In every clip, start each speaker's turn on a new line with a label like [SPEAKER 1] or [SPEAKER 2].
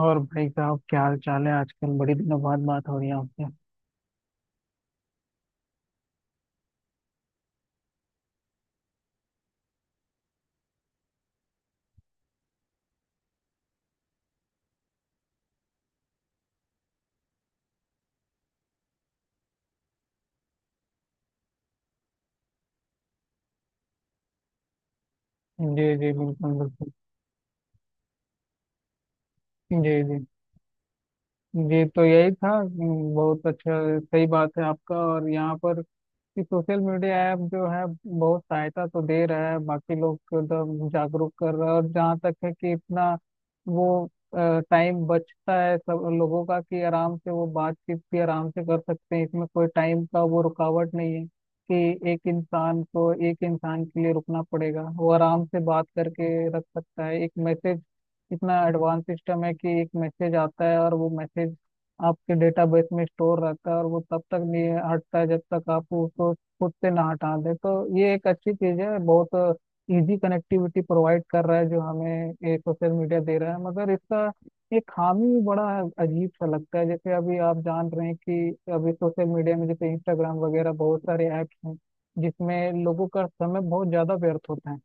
[SPEAKER 1] और भाई साहब, क्या हाल चाल है, आजकल बड़े दिनों बाद बात हो रही है आपसे। जी जी, बिल्कुल बिल्कुल। जी जी। जी तो यही था, बहुत अच्छा, सही बात है आपका। और यहाँ पर कि सोशल मीडिया ऐप जो है बहुत सहायता तो दे रहा है, बाकी लोग को तो जागरूक कर रहा है। और जहाँ तक है कि इतना वो टाइम बचता है सब लोगों का कि आराम से वो बातचीत भी आराम से कर सकते हैं, इसमें कोई टाइम का वो रुकावट नहीं है कि एक इंसान को एक इंसान के लिए रुकना पड़ेगा। वो आराम से बात करके रख सकता है एक मैसेज। इतना एडवांस सिस्टम है कि एक मैसेज आता है और वो मैसेज आपके डेटाबेस में स्टोर रहता है, और वो तब तक नहीं हटता है जब तक आप उसको खुद से ना हटा दें। तो ये एक अच्छी चीज़ है, बहुत इजी कनेक्टिविटी प्रोवाइड कर रहा है जो हमें ये सोशल मीडिया दे रहा है। मगर इसका एक खामी भी बड़ा है, अजीब सा लगता है। जैसे अभी आप जान रहे हैं कि अभी सोशल मीडिया में जैसे इंस्टाग्राम वगैरह बहुत सारे ऐप्स हैं जिसमें लोगों का समय बहुत ज़्यादा व्यर्थ होता है।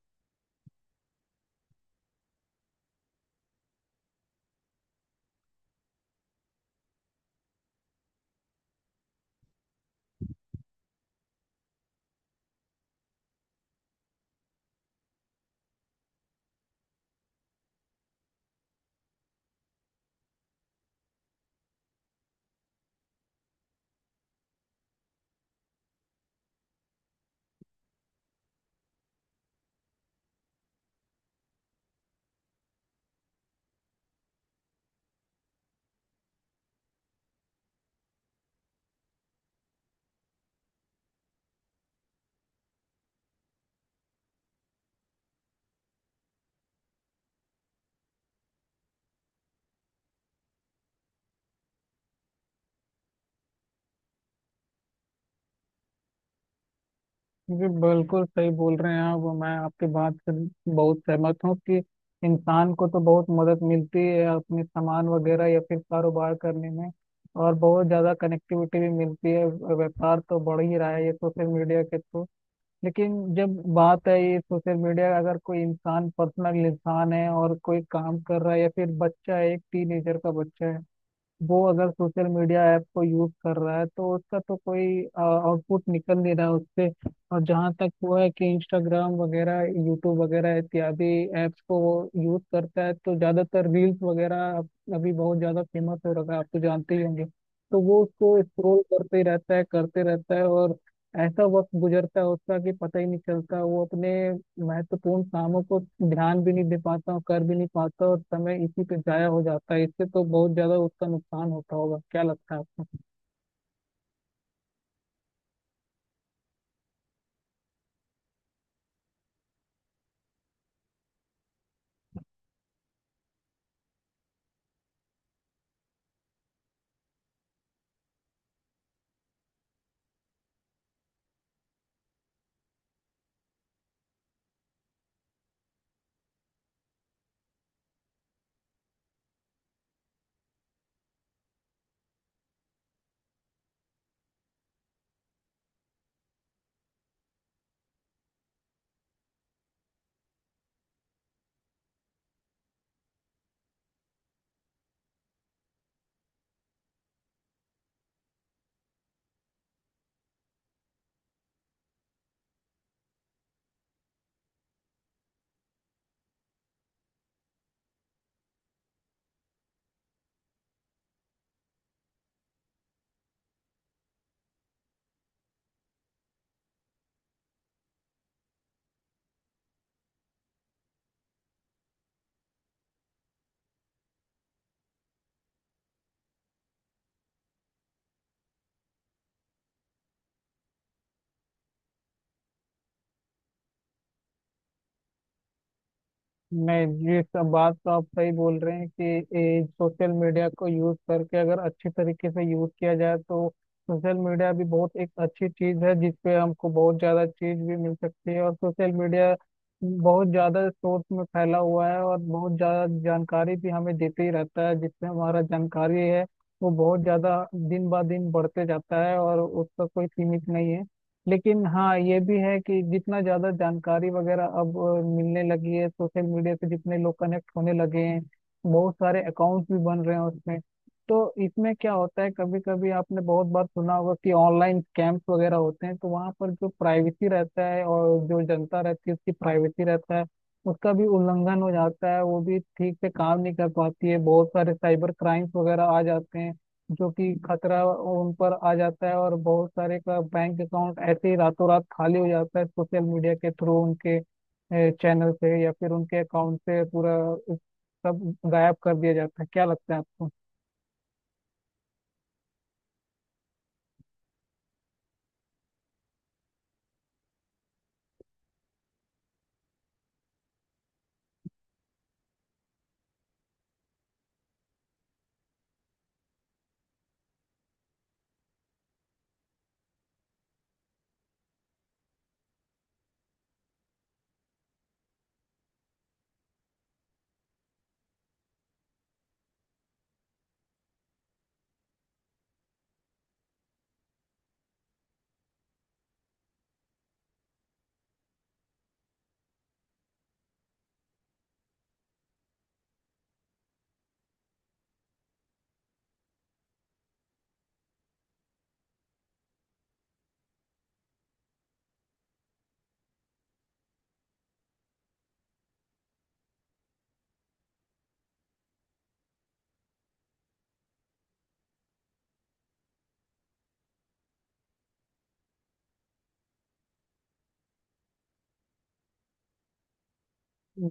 [SPEAKER 1] जी, बिल्कुल सही बोल रहे हैं आप। मैं आपकी बात से बहुत सहमत हूँ कि इंसान को तो बहुत मदद मिलती है अपने सामान वगैरह या फिर कारोबार करने में, और बहुत ज़्यादा कनेक्टिविटी भी मिलती है। व्यापार तो बढ़ ही रहा है ये सोशल मीडिया के थ्रू। लेकिन जब बात है ये सोशल मीडिया, अगर कोई इंसान पर्सनल इंसान है और कोई काम कर रहा है, या फिर बच्चा है, एक टीनेजर का बच्चा है, वो अगर सोशल मीडिया ऐप को यूज कर रहा है, तो उसका तो कोई आउटपुट निकल नहीं रहा उससे। और जहाँ तक वो है कि इंस्टाग्राम वगैरह, यूट्यूब वगैरह इत्यादि ऐप्स को वो यूज करता है, तो ज्यादातर रील्स वगैरह अभी बहुत ज्यादा फेमस हो रखा है, आप तो जानते ही होंगे। तो वो उसको स्क्रोल करते ही रहता है, करते रहता है, और ऐसा वक्त गुजरता है उसका कि पता ही नहीं चलता। वो अपने महत्वपूर्ण कामों को ध्यान भी नहीं दे पाता हूँ, कर भी नहीं पाता, और समय इसी पे जाया हो जाता है। इससे तो बहुत ज्यादा उसका नुकसान होता होगा। क्या लगता है आपको? नहीं, ये सब बात तो आप सही बोल रहे हैं कि सोशल मीडिया को यूज करके अगर अच्छी तरीके से यूज किया जाए तो सोशल मीडिया भी बहुत एक अच्छी चीज है, जिसपे हमको बहुत ज्यादा चीज भी मिल सकती है। और सोशल मीडिया बहुत ज्यादा स्रोत में फैला हुआ है, और बहुत ज्यादा जानकारी भी हमें देते ही रहता है, जिससे हमारा जानकारी है वो बहुत ज्यादा दिन ब दिन बढ़ते जाता है, और उसका कोई सीमित नहीं है। लेकिन हाँ, ये भी है कि जितना ज्यादा जानकारी वगैरह अब मिलने लगी है सोशल मीडिया से, जितने लोग कनेक्ट होने लगे हैं, बहुत सारे अकाउंट्स भी बन रहे हैं उसमें। तो इसमें क्या होता है, कभी कभी आपने बहुत बार सुना होगा कि ऑनलाइन स्कैम्स वगैरह होते हैं, तो वहाँ पर जो प्राइवेसी रहता है और जो जनता रहती है उसकी प्राइवेसी रहता है, उसका भी उल्लंघन हो जाता है। वो भी ठीक से काम नहीं कर पाती है, बहुत सारे साइबर क्राइम्स वगैरह आ जाते हैं जो कि खतरा उन पर आ जाता है। और बहुत सारे का बैंक अकाउंट ऐसे ही रातों रात खाली हो जाता है सोशल मीडिया के थ्रू, उनके चैनल से या फिर उनके अकाउंट से पूरा सब गायब कर दिया जाता है। क्या लगता है आपको?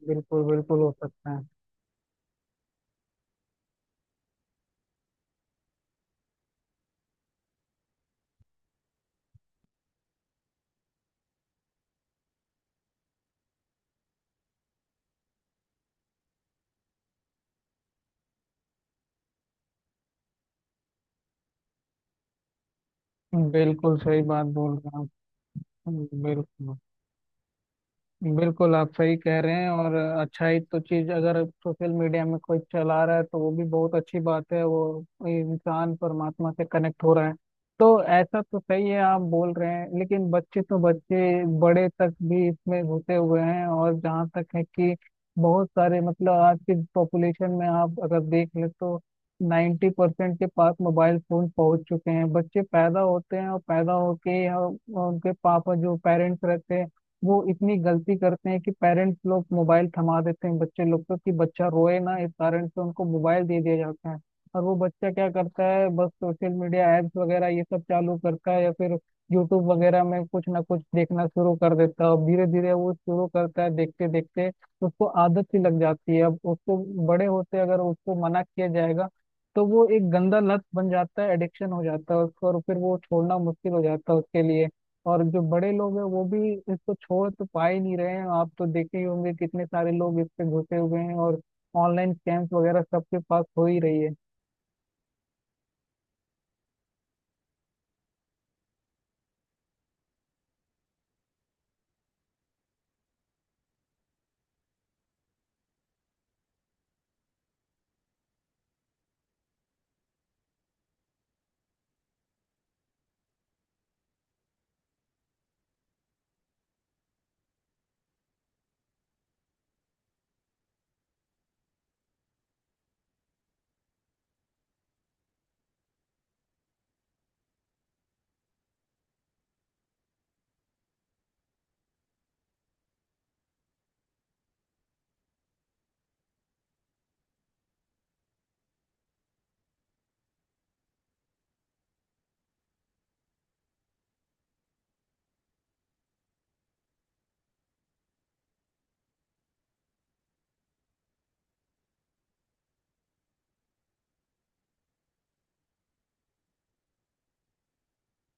[SPEAKER 1] बिल्कुल बिल्कुल हो सकता है। बिल्कुल सही बात बोल रहे हैं आप। बिल्कुल बिल्कुल, आप सही कह रहे हैं। और अच्छाई तो चीज, अगर सोशल मीडिया में कोई चला रहा है तो वो भी बहुत अच्छी बात है, वो इंसान परमात्मा से कनेक्ट हो रहा है। तो ऐसा तो सही है आप बोल रहे हैं, लेकिन बच्चे तो बच्चे, बड़े तक भी इसमें घुसे हुए हैं। और जहाँ तक है कि बहुत सारे मतलब आज की पॉपुलेशन में आप अगर देख लें तो 90% के पास मोबाइल फोन पहुंच चुके हैं। बच्चे पैदा होते हैं, और पैदा होके ही, उनके पापा जो पेरेंट्स रहते हैं वो इतनी गलती करते हैं कि पेरेंट्स लोग मोबाइल थमा देते हैं बच्चे लोग को कि बच्चा रोए ना, इस कारण से उनको मोबाइल दे दिया जाता है। और वो बच्चा क्या करता है, बस सोशल मीडिया एप्स वगैरह ये सब चालू करता है, या फिर यूट्यूब वगैरह में कुछ ना कुछ देखना शुरू कर देता है। और धीरे धीरे वो शुरू करता है, देखते देखते उसको आदत सी लग जाती है अब उसको। बड़े होते अगर उसको मना किया जाएगा, तो वो एक गंदा लत बन जाता है, एडिक्शन हो जाता है उसको, और फिर वो छोड़ना मुश्किल हो जाता है उसके लिए। और जो बड़े लोग हैं वो भी इसको छोड़ तो पा ही नहीं रहे हैं, आप तो देखे ही होंगे कितने सारे लोग इस पे घुसे हुए हैं, और ऑनलाइन स्कैम्स वगैरह सबके पास हो ही रही है।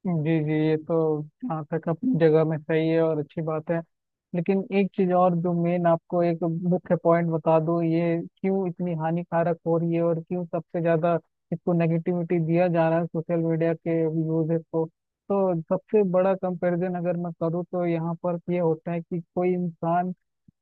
[SPEAKER 1] जी जी, ये तो जहाँ तक अपनी जगह में सही है और अच्छी बात है। लेकिन एक चीज और, जो मेन आपको एक मुख्य पॉइंट बता दूं, ये क्यों इतनी हानिकारक हो रही है, और क्यों सबसे ज्यादा इसको नेगेटिविटी दिया जा रहा है सोशल मीडिया के यूजेस को। तो सबसे बड़ा कंपैरिजन अगर मैं करूँ तो यहाँ पर ये होता है कि कोई इंसान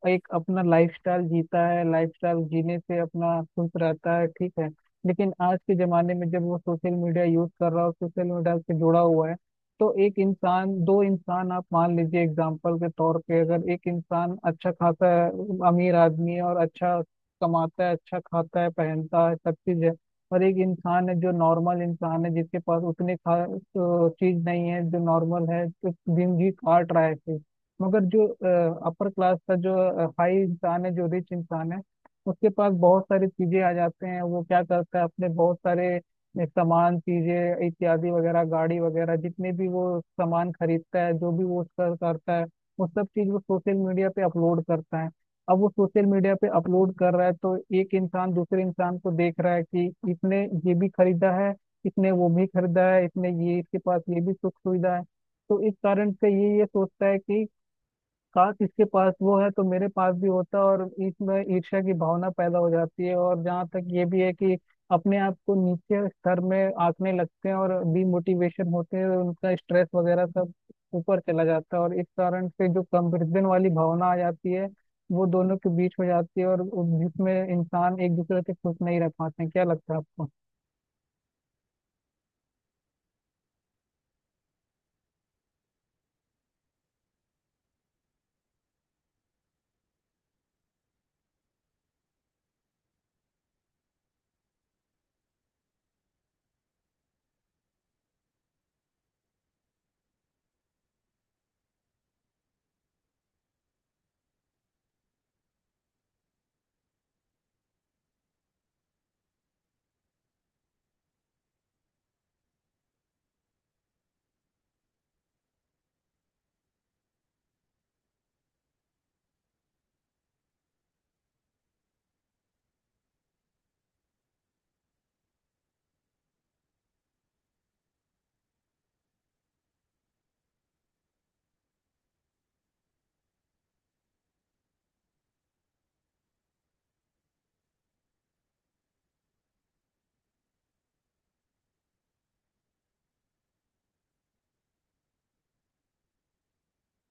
[SPEAKER 1] एक अपना लाइफस्टाइल जीता है, लाइफस्टाइल जीने से अपना खुश रहता है, ठीक है। लेकिन आज के जमाने में जब वो सोशल मीडिया यूज कर रहा हो, सोशल मीडिया से जुड़ा हुआ है, तो एक इंसान दो इंसान आप मान लीजिए, एग्जाम्पल के तौर पे अगर एक इंसान अच्छा खाता है, अमीर आदमी है और अच्छा कमाता है, अच्छा खाता है, पहनता है, सब चीज है। और एक इंसान है जो नॉर्मल इंसान है, जिसके पास उतने खास चीज नहीं है, जो नॉर्मल है, तो दिन जी काट रहा है। मगर जो अपर क्लास का जो हाई इंसान है, जो रिच इंसान है, उसके पास बहुत सारी चीजें आ जाते हैं, वो क्या करता है अपने बहुत सारे सामान, चीजें इत्यादि वगैरह, गाड़ी वगैरह, जितने भी वो सामान खरीदता है, जो भी वो उसका करता है, वो सब चीज वो सोशल मीडिया पे अपलोड करता है। अब वो सोशल मीडिया पे अपलोड कर रहा है तो एक इंसान दूसरे इंसान को देख रहा है कि इसने ये भी खरीदा है, इसने वो भी खरीदा है, इसने ये, इसके पास ये भी सुख सुविधा है। तो इस कारण से ये सोचता है कि का, किसके पास वो है तो मेरे पास भी होता, और इसमें ईर्ष्या की भावना पैदा हो जाती है। और जहाँ तक ये भी है कि अपने आप को नीचे स्तर में आंकने लगते हैं और डिमोटिवेशन होते हैं, उनका स्ट्रेस वगैरह सब ऊपर चला जाता है। और इस कारण से जो कंपैरिजन वाली भावना आ जाती है, वो दोनों के बीच हो जाती है, और जिसमें इंसान एक दूसरे से खुश नहीं रह पाते हैं। क्या लगता है आपको?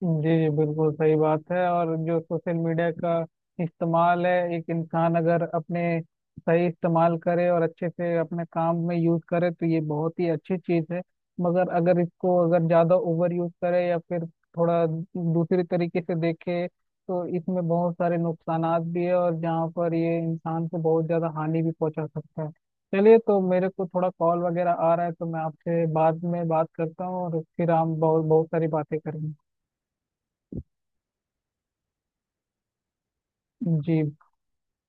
[SPEAKER 1] जी जी, बिल्कुल सही बात है। और जो सोशल मीडिया का इस्तेमाल है, एक इंसान अगर अपने सही इस्तेमाल करे और अच्छे से अपने काम में यूज करे, तो ये बहुत ही अच्छी चीज है। मगर अगर इसको अगर ज्यादा ओवर यूज करे, या फिर थोड़ा दूसरी तरीके से देखे, तो इसमें बहुत सारे नुकसानात भी है, और जहाँ पर ये इंसान को बहुत ज्यादा हानि भी पहुंचा सकता है। चलिए, तो मेरे को थोड़ा कॉल वगैरह आ रहा है, तो मैं आपसे बाद में बात करता हूँ, और फिर हम बहुत बहुत सारी बातें करेंगे। जी।